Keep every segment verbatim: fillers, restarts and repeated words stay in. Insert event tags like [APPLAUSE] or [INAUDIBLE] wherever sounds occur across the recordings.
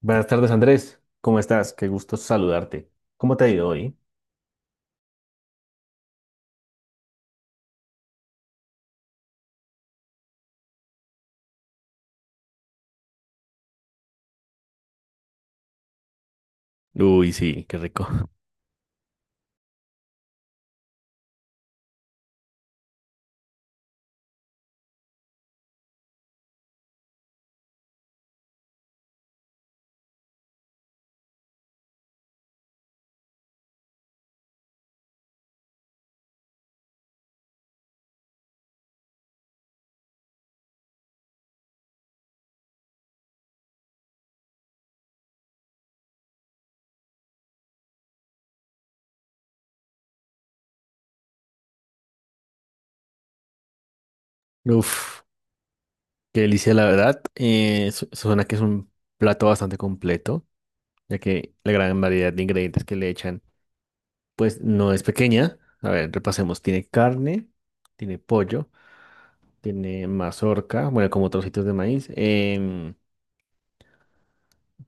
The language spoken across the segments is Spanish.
Buenas tardes, Andrés. ¿Cómo estás? Qué gusto saludarte. ¿Cómo te ha ido hoy? Uy, sí, qué rico. [LAUGHS] Uf, qué delicia, la verdad. Eh, su- suena que es un plato bastante completo, ya que la gran variedad de ingredientes que le echan, pues no es pequeña. A ver, repasemos. Tiene carne, tiene pollo, tiene mazorca, bueno, como trocitos de maíz, em,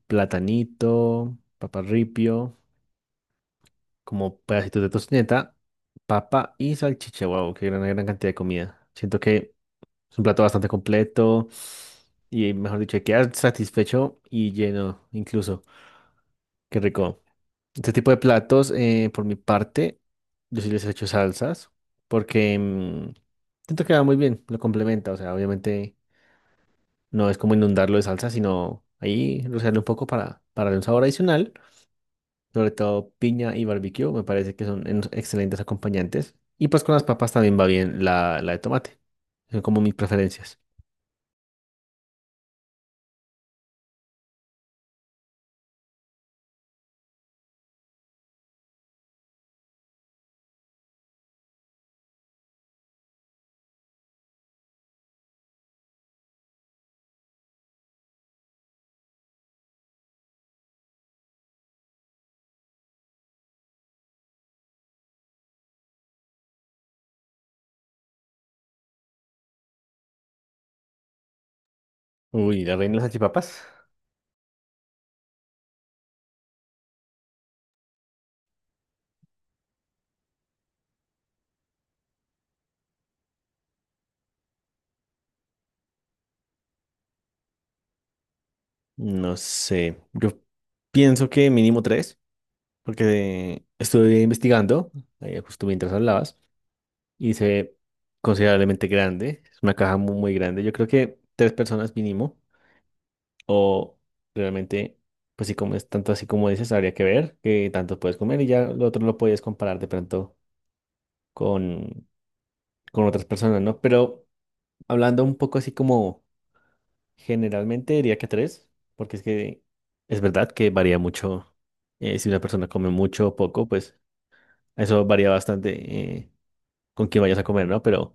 platanito, paparripio, como pedacitos de tocineta, papa y salchicha. Wow, qué gran, gran cantidad de comida. Siento que es un plato bastante completo y, mejor dicho, quedas satisfecho y lleno, incluso. Qué rico. Este tipo de platos, eh, por mi parte, yo sí les he hecho salsas porque mm, siento que va muy bien, lo complementa. O sea, obviamente no es como inundarlo de salsa, sino ahí rociarle un poco para, para darle un sabor adicional. Sobre todo piña y barbecue, me parece que son unos excelentes acompañantes. Y pues con las papas también va bien la, la de tomate. Son como mis preferencias. Uy, ¿la reina de las salchipapas? No sé. Yo pienso que mínimo tres, porque estuve investigando, eh, justo mientras hablabas, y se ve considerablemente grande. Es una caja muy, muy grande. Yo creo que tres personas mínimo, o realmente, pues si comes tanto así como dices, habría que ver qué tanto puedes comer y ya lo otro lo puedes comparar de pronto con, con otras personas, ¿no? Pero hablando un poco así como generalmente diría que tres, porque es que es verdad que varía mucho. Eh, si una persona come mucho o poco, pues eso varía bastante eh, con quién vayas a comer, ¿no? Pero,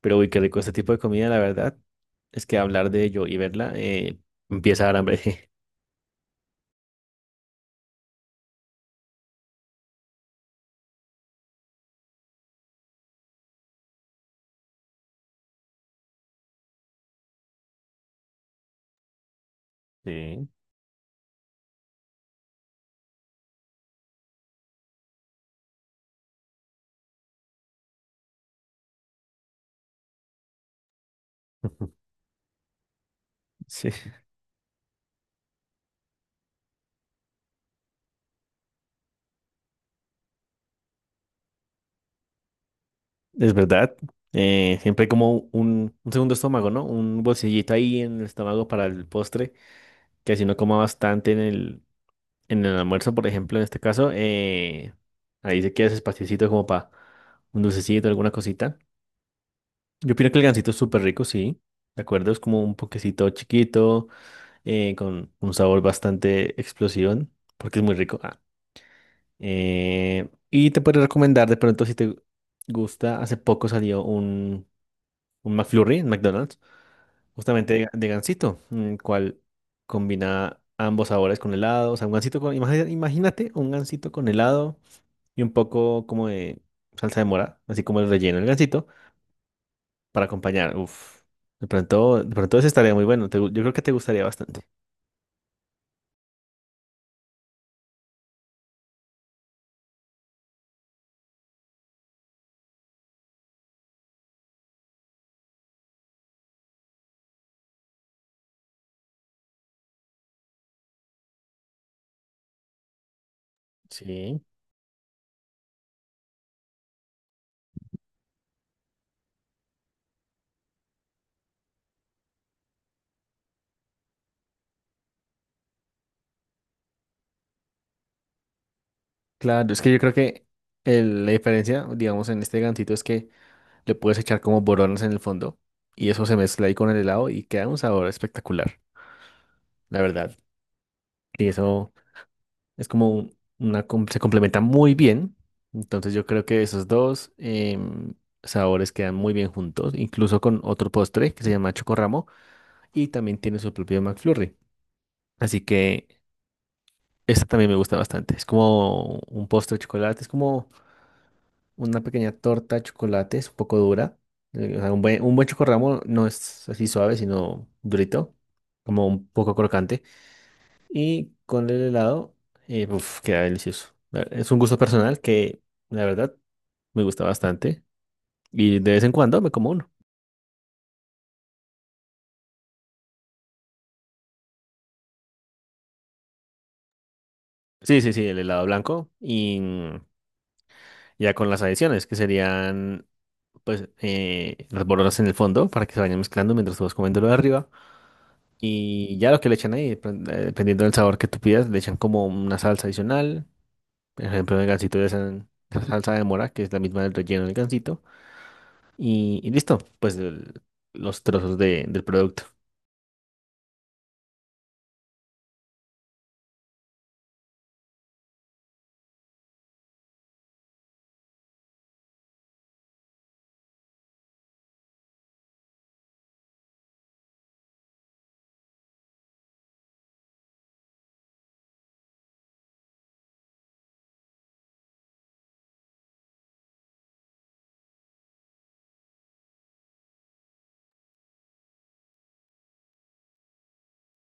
Pero uy, qué rico este tipo de comida, la verdad, es que hablar de ello y verla eh, empieza a dar hambre. [LAUGHS] Sí. [LAUGHS] Sí, es verdad. Eh, siempre hay como un, un segundo estómago, ¿no? Un bolsillito ahí en el estómago para el postre, que si no coma bastante en el, en el almuerzo, por ejemplo, en este caso, eh, ahí se queda ese espaciocito como para un dulcecito, alguna cosita. Yo opino que el gansito es súper rico, sí, de acuerdo, es como un poquecito chiquito, eh, con un sabor bastante explosivo, porque es muy rico. Ah, eh, y te puedo recomendar de pronto si te gusta, hace poco salió un, un McFlurry en McDonald's. Justamente de, de gansito, el cual combina ambos sabores con helado. O sea, un gansito con. Imagi- Imagínate un gansito con helado y un poco como de salsa de mora, así como el relleno del gansito, para acompañar. Uf. De pronto, de pronto eso estaría muy bueno. Te gu- yo creo que te gustaría bastante. Sí. Claro, es que yo creo que el- la diferencia, digamos, en este gansito es que le puedes echar como boronas en el fondo y eso se mezcla ahí con el helado y queda un sabor espectacular, la verdad. Y eso. Es como una, com- se complementa muy bien. Entonces yo creo que esos dos em, sabores quedan muy bien juntos, incluso con otro postre que se llama Chocorramo y también tiene su propio McFlurry. Así que esta también me gusta bastante. Es como un postre de chocolate, es como una pequeña torta de chocolate, es un poco dura. Eh, o sea, un buen, un buen Chocorramo no es así suave, sino durito, como un poco crocante. Y con el helado, eh, uf, queda delicioso. La- Es un gusto personal que, la verdad, me gusta bastante. Y de vez en cuando me como uno. Sí, sí, sí, el helado blanco. Y mm, ya con las adiciones, que serían, pues, eh, las bolonas en el fondo para que se vayan mezclando mientras tú vas comiendo lo de arriba. Y ya lo que le echan ahí, depend- eh, dependiendo del sabor que tú pidas, le echan como una salsa adicional. Por ejemplo, en el gansito le echan salsa de mora, que es la misma del relleno del gansito. Y, y listo, pues el- los trozos de- del producto.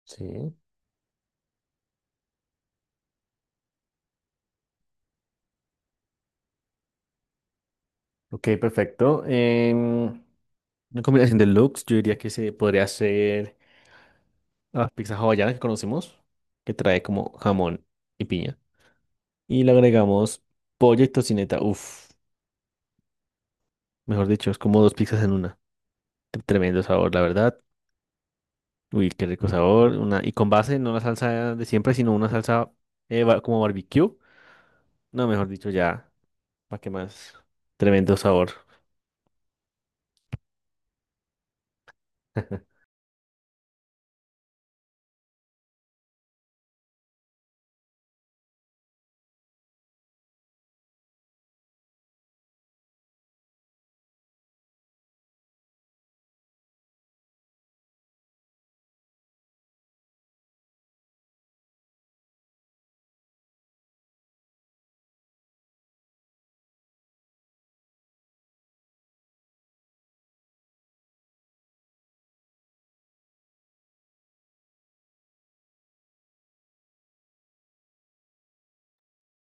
Sí. Ok, perfecto. Em, una combinación de looks, yo diría que se podría hacer la pizza hawaiana que conocemos, que trae como jamón y piña. Y le agregamos pollo y tocineta. Uf, mejor dicho, es como dos pizzas en una. T- Tremendo sabor, la verdad. Uy, qué rico sabor. Una, y con base, no la salsa de siempre, sino una salsa eh, ba- como barbecue. No, mejor dicho, ya, ¿para qué más? Tremendo sabor. [LAUGHS]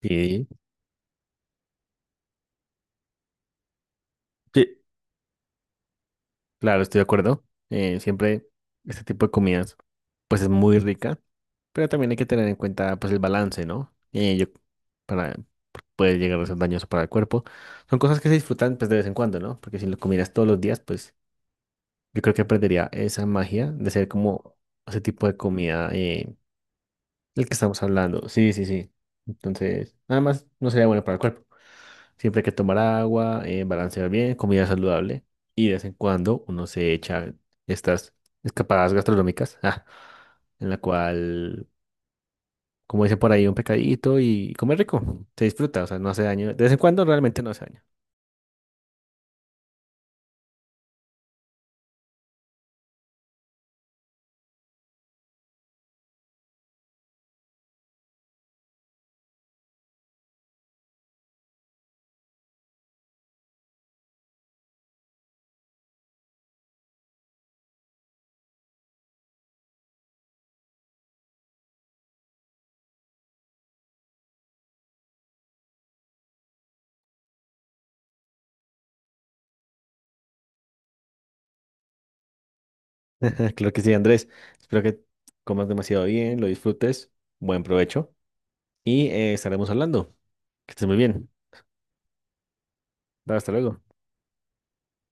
Sí. Sí, claro, estoy de acuerdo. Eh, siempre este tipo de comidas, pues es muy rica, pero también hay que tener en cuenta, pues el balance, ¿no? Eh, yo, para Puede llegar a ser dañoso para el cuerpo. Son cosas que se disfrutan, pues de vez en cuando, ¿no? Porque si lo comieras todos los días, pues yo creo que perdería esa magia de ser como ese tipo de comida eh, del que estamos hablando. Sí, sí, sí. Entonces, nada más no sería bueno para el cuerpo. Siempre hay que tomar agua, eh, balancear bien, comida saludable y de vez en cuando uno se echa estas escapadas gastronómicas, ah, en la cual, como dice por ahí, un pecadito y comer rico, se disfruta, o sea, no hace daño. De vez en cuando realmente no hace daño. [LAUGHS] Claro que sí, Andrés. Espero que comas demasiado bien, lo disfrutes, buen provecho y eh, estaremos hablando. Que estés muy bien. Hasta luego.